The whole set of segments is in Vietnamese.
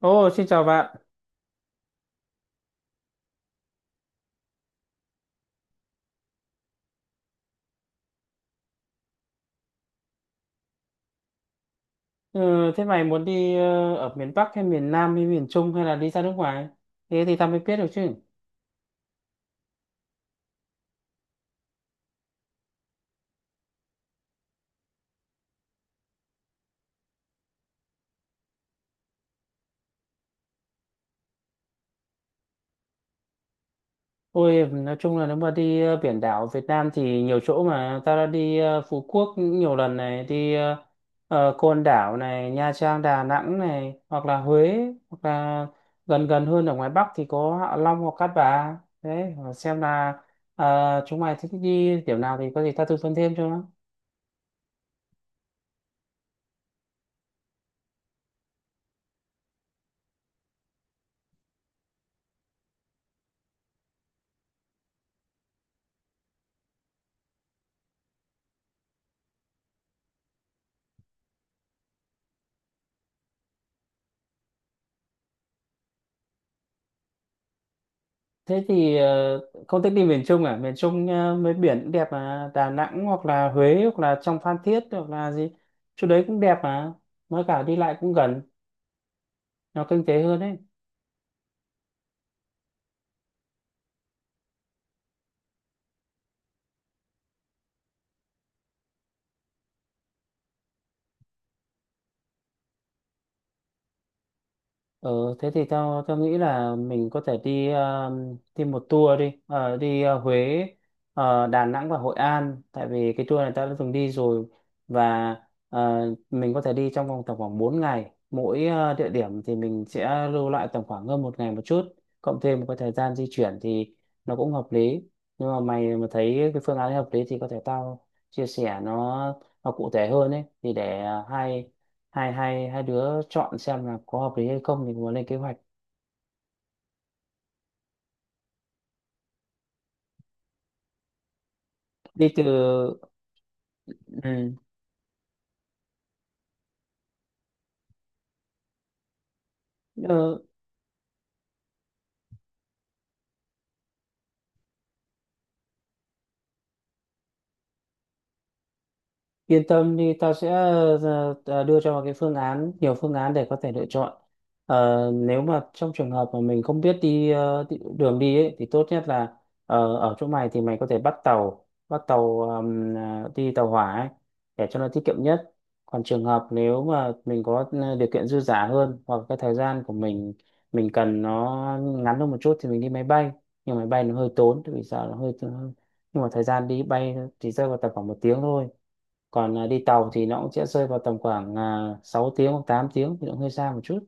Ồ, xin chào bạn. Ừ, thế mày muốn đi ở miền Bắc hay miền Nam hay miền Trung hay là đi ra nước ngoài? Thế thì tao mới biết được chứ. Ôi, nói chung là nếu mà đi biển đảo Việt Nam thì nhiều chỗ mà. Tao đã đi Phú Quốc nhiều lần này, đi Côn Đảo này, Nha Trang, Đà Nẵng này, hoặc là Huế, hoặc là gần gần hơn ở ngoài Bắc thì có Hạ Long hoặc Cát Bà. Đấy, xem là chúng mày thích đi điểm nào thì có gì tao tư vấn thêm cho nó. Thế thì không thích đi miền Trung à? Miền Trung mấy biển cũng đẹp mà. Đà Nẵng hoặc là Huế hoặc là trong Phan Thiết hoặc là gì. Chỗ đấy cũng đẹp mà. Mới cả đi lại cũng gần. Nó kinh tế hơn đấy. Ừ, thế thì tao tao nghĩ là mình có thể đi một tour đi Huế, Đà Nẵng và Hội An, tại vì cái tour này tao đã từng đi rồi. Và ờ, mình có thể đi trong vòng tầm khoảng 4 ngày, mỗi địa điểm thì mình sẽ lưu lại tầm khoảng hơn một ngày một chút, cộng thêm một cái thời gian di chuyển thì nó cũng hợp lý. Nhưng mà mày mà thấy cái phương án hợp lý thì có thể tao chia sẻ nó cụ thể hơn ấy, thì để ờ, hai hai hai hai đứa chọn xem là có hợp lý hay không thì muốn lên kế hoạch đi từ. Ừ. ờ, Yên tâm đi, tao sẽ đưa cho mày cái phương án, nhiều phương án để có thể lựa chọn. Ờ, nếu mà trong trường hợp mà mình không biết đường đi ấy, thì tốt nhất là, ở chỗ mày thì mày có thể bắt tàu đi tàu hỏa ấy, để cho nó tiết kiệm nhất. Còn trường hợp nếu mà mình có điều kiện dư dả hơn, hoặc cái thời gian của mình cần nó ngắn hơn một chút thì mình đi máy bay. Nhưng máy bay nó hơi tốn, tại vì sao nó hơi, nhưng mà thời gian đi bay thì rơi vào tầm khoảng một tiếng thôi. Còn đi tàu thì nó cũng sẽ rơi vào tầm khoảng 6 tiếng hoặc 8 tiếng thì nó hơi xa một chút.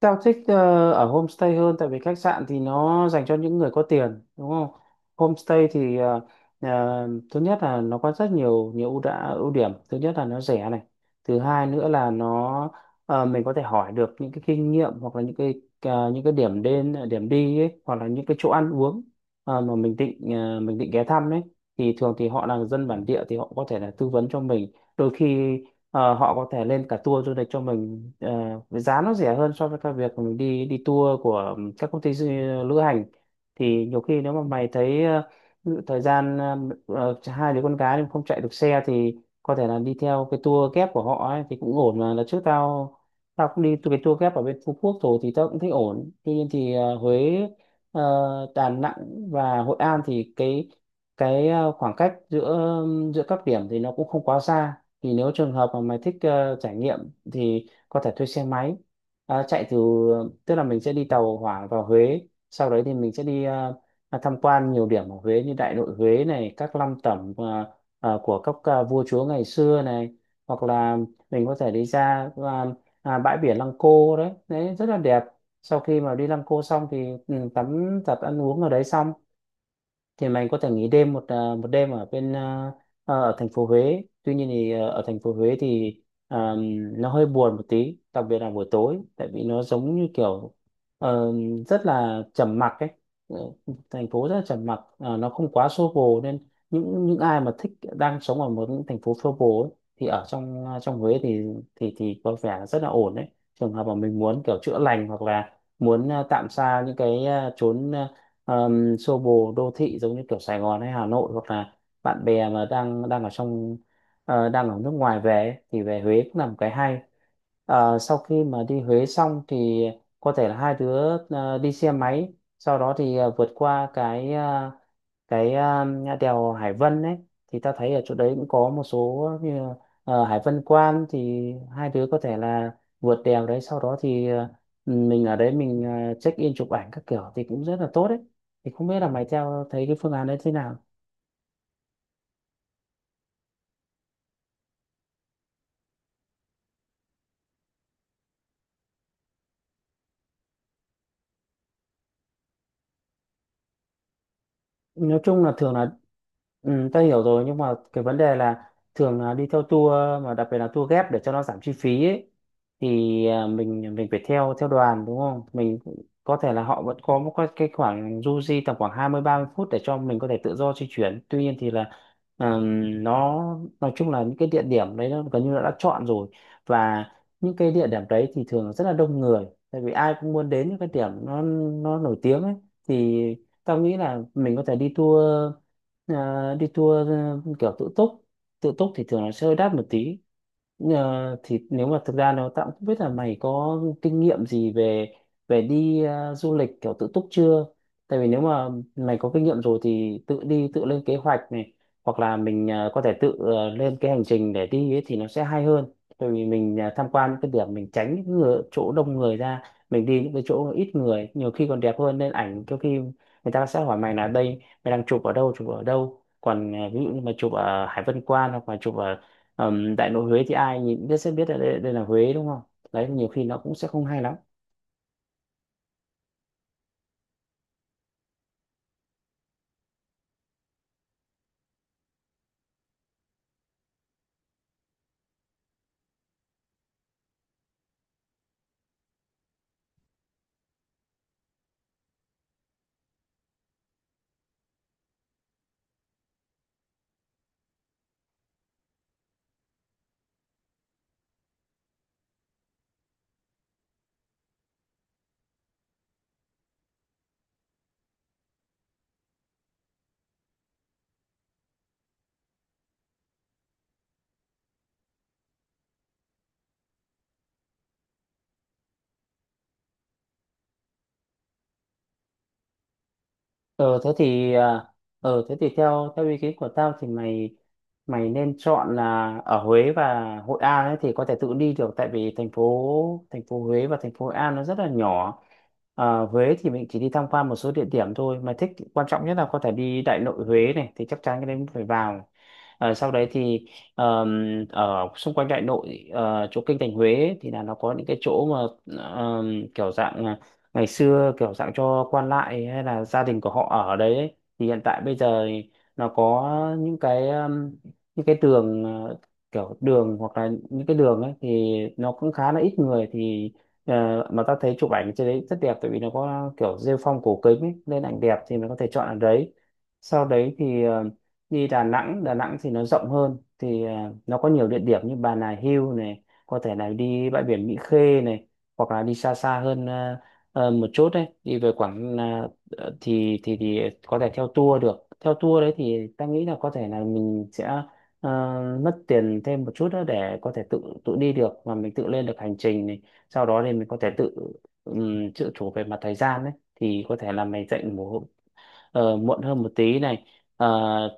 Tao thích ở homestay hơn, tại vì khách sạn thì nó dành cho những người có tiền, đúng không? Homestay thì, ờ, thứ nhất là nó có rất nhiều nhiều ưu điểm. Thứ nhất là nó rẻ này. Thứ hai nữa là nó, mình có thể hỏi được những cái kinh nghiệm, hoặc là những cái điểm đến điểm đi ấy, hoặc là những cái chỗ ăn uống mà mình định ghé thăm ấy, thì thường thì họ là dân bản địa thì họ có thể là tư vấn cho mình. Đôi khi họ có thể lên cả tour du lịch cho mình với giá nó rẻ hơn so với cái việc mình đi đi tour của các công ty du, lữ hành. Thì nhiều khi nếu mà mày thấy ví dụ thời gian, hai đứa con gái nhưng không chạy được xe thì có thể là đi theo cái tour kép của họ ấy, thì cũng ổn mà. Là trước tao tao cũng đi cái tour kép ở bên Phú Quốc rồi thì tao cũng thấy ổn. Tuy nhiên thì Huế, ờ, Đà Nẵng và Hội An thì cái khoảng cách giữa giữa các điểm thì nó cũng không quá xa. Thì nếu trường hợp mà mày thích trải nghiệm thì có thể thuê xe máy, chạy từ. Tức là mình sẽ đi tàu hỏa vào Huế, sau đấy thì mình sẽ đi tham quan nhiều điểm ở Huế như Đại Nội Huế này, các lăng tẩm của các vua chúa ngày xưa này, hoặc là mình có thể đi ra bãi biển Lăng Cô, đấy đấy rất là đẹp. Sau khi mà đi Lăng Cô xong thì, ừ, tắm giặt ăn uống ở đấy xong thì mình có thể nghỉ đêm một đêm ở bên ở thành phố Huế. Tuy nhiên thì ở thành phố Huế thì à, nó hơi buồn một tí, đặc biệt là buổi tối, tại vì nó giống như kiểu ờ, rất là trầm mặc ấy. Ờ, thành phố rất là trầm mặc, nó không quá xô bồ, nên những ai mà thích đang sống ở một những thành phố xô bồ ấy, thì ở trong Huế thì có vẻ rất là ổn đấy. Trường hợp mà mình muốn kiểu chữa lành, hoặc là muốn tạm xa những cái chốn xô bồ đô thị, giống như kiểu Sài Gòn hay Hà Nội, hoặc là bạn bè mà đang đang ở trong ờ, đang ở nước ngoài về ấy, thì về Huế cũng là một cái hay. Ờ, sau khi mà đi Huế xong thì có thể là hai đứa đi xe máy, sau đó thì vượt qua cái đèo Hải Vân ấy, thì ta thấy ở chỗ đấy cũng có một số như Hải Vân Quan, thì hai đứa có thể là vượt đèo đấy, sau đó thì mình ở đấy mình check in chụp ảnh các kiểu thì cũng rất là tốt đấy. Thì không biết là mày theo thấy cái phương án đấy thế nào. Nói chung là thường là, ừ, ta hiểu rồi, nhưng mà cái vấn đề là thường là đi theo tour, mà đặc biệt là tour ghép để cho nó giảm chi phí ấy, thì mình phải theo theo đoàn, đúng không? Mình có thể là họ vẫn có một cái khoảng du di tầm khoảng 20-30 phút để cho mình có thể tự do di chuyển. Tuy nhiên thì là, nó nói chung là những cái địa điểm đấy nó gần như là đã chọn rồi, và những cái địa điểm đấy thì thường là rất là đông người, tại vì ai cũng muốn đến những cái điểm nó nổi tiếng ấy. Thì tao nghĩ là mình có thể đi tour, kiểu tự túc. Tự túc thì thường là sẽ hơi đắt một tí. Ờ, thì nếu mà thực ra nó tao cũng không biết là mày có kinh nghiệm gì về về đi du lịch kiểu tự túc chưa. Tại vì nếu mà mày có kinh nghiệm rồi thì tự đi tự lên kế hoạch này, hoặc là mình có thể tự lên cái hành trình để đi ấy thì nó sẽ hay hơn. Tại vì mình tham quan những cái điểm, mình tránh những người, chỗ đông người ra, mình đi những cái chỗ ít người nhiều khi còn đẹp hơn, nên ảnh đôi khi người ta sẽ hỏi mày là, đây, mày đang chụp ở đâu chụp ở đâu, còn ví dụ như mà chụp ở Hải Vân Quan hoặc là chụp ở Đại Nội Huế thì ai nhìn biết sẽ biết là, đây là Huế, đúng không? Đấy, nhiều khi nó cũng sẽ không hay lắm. Ờ thế thì à, thế thì theo theo ý kiến của tao thì mày mày nên chọn là ở Huế và Hội An ấy thì có thể tự đi được, tại vì thành phố Huế và thành phố Hội An nó rất là nhỏ. Ờ, Huế thì mình chỉ đi tham quan một số địa điểm thôi, mà thích quan trọng nhất là có thể đi Đại Nội Huế này, thì chắc chắn cái đấy mình phải vào. Ờ, sau đấy thì ở xung quanh Đại Nội, chỗ kinh thành Huế ấy, thì là nó có những cái chỗ mà ờm, kiểu dạng à, ngày xưa kiểu dạng cho quan lại hay là gia đình của họ ở đấy ấy, thì hiện tại bây giờ thì nó có những cái um, những cái tường, kiểu đường hoặc là những cái đường ấy thì nó cũng khá là ít người thì mà ta thấy chụp ảnh trên đấy rất đẹp tại vì nó có kiểu rêu phong cổ kính ấy, nên ảnh đẹp thì mình có thể chọn ở đấy. Sau đấy thì đi Đà Nẵng. Thì nó rộng hơn thì, nó có nhiều địa điểm như Bà Nà Hills này, có thể là đi bãi biển Mỹ Khê này, hoặc là đi xa xa hơn một chút đấy, đi về thì có thể theo tour được. Theo tour đấy thì ta nghĩ là có thể là mình sẽ ờ, mất tiền thêm một chút nữa để có thể tự tự đi được và mình tự lên được hành trình này. Sau đó thì mình có thể tự tự chủ về mặt thời gian đấy, thì có thể là mình dành một muộn hơn một tí này, ờ,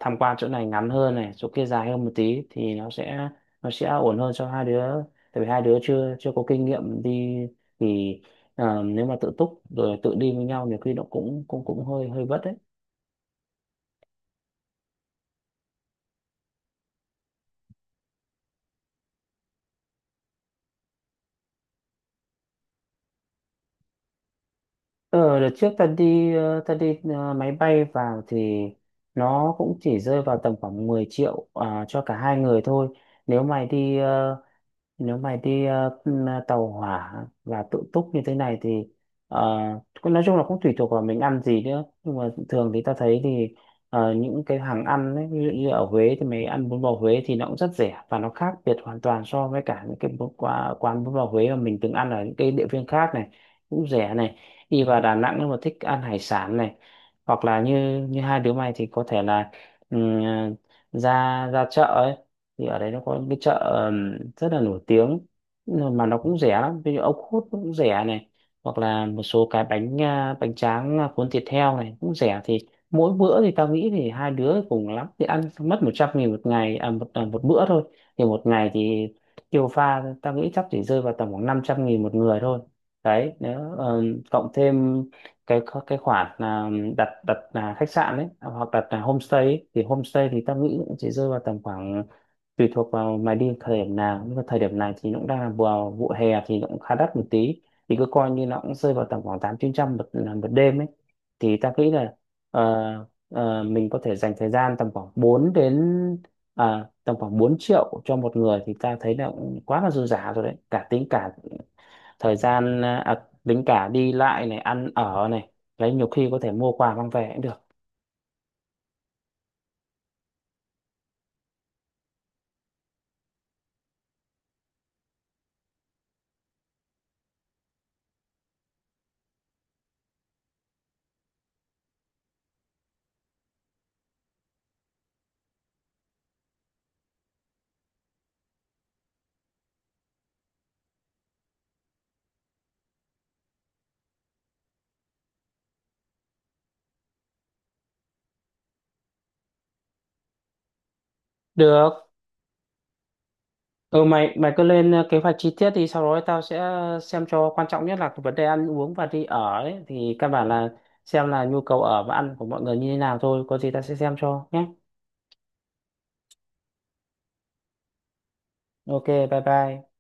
tham quan chỗ này ngắn hơn này, chỗ kia dài hơn một tí thì nó sẽ ổn hơn cho hai đứa. Tại vì hai đứa chưa chưa có kinh nghiệm đi thì, nếu mà tự túc rồi tự đi với nhau nhiều khi nó cũng cũng cũng hơi hơi vất đấy. Ờ, đợt trước ta đi, ta đi, máy bay vào thì nó cũng chỉ rơi vào tầm khoảng 10 triệu à, cho cả hai người thôi. nếu mày đi ờ, Nếu mày đi tàu hỏa và tự túc như thế này thì ờ, cũng nói chung là cũng tùy thuộc vào mình ăn gì nữa, nhưng mà thường thì ta thấy thì, những cái hàng ăn ấy, ví dụ như ở Huế thì mày ăn bún bò Huế thì nó cũng rất rẻ và nó khác biệt hoàn toàn so với cả những cái quán bún bò Huế mà mình từng ăn ở những cái địa phương khác này, cũng rẻ này. Đi vào Đà Nẵng nếu mà thích ăn hải sản này, hoặc là như như hai đứa mày thì có thể là ừ, ra ra chợ ấy, thì ở đấy nó có cái chợ rất là nổi tiếng mà nó cũng rẻ lắm, ví dụ ốc hút cũng rẻ này, hoặc là một số cái bánh à, bánh tráng à, cuốn thịt heo này cũng rẻ. Thì mỗi bữa thì tao nghĩ thì hai đứa cùng lắm thì ăn mất 100 nghìn một ngày à, một bữa thôi. Thì một ngày thì tiêu pha tao nghĩ chắc chỉ rơi vào tầm khoảng 500 nghìn một người thôi đấy. Nếu cộng thêm cái cái khoản à, đặt đặt là khách sạn đấy, hoặc đặt là homestay ấy, thì homestay thì tao nghĩ cũng chỉ rơi vào tầm khoảng, tùy thuộc vào mày đi thời điểm nào, nhưng mà thời điểm này thì nó cũng đang là vào vụ hè thì nó cũng khá đắt một tí, thì cứ coi như nó cũng rơi vào tầm khoảng 800 900 nghìn một à, một đêm ấy. Thì ta nghĩ là ờ, mình có thể dành thời gian tầm khoảng tầm khoảng 4 triệu cho một người thì ta thấy là cũng quá là dư giả rồi đấy, cả tính cả thời gian à, à, tính cả đi lại này, ăn ở này. Đấy, nhiều khi có thể mua quà mang về cũng được. Được. Ừ, mày mày cứ lên, kế hoạch chi tiết thì sau đó tao sẽ xem cho. Quan trọng nhất là cái vấn đề ăn uống và đi ở ấy, thì căn bản là xem là nhu cầu ở và ăn của mọi người như thế nào thôi, có gì tao sẽ xem cho nhé. OK, bye bye.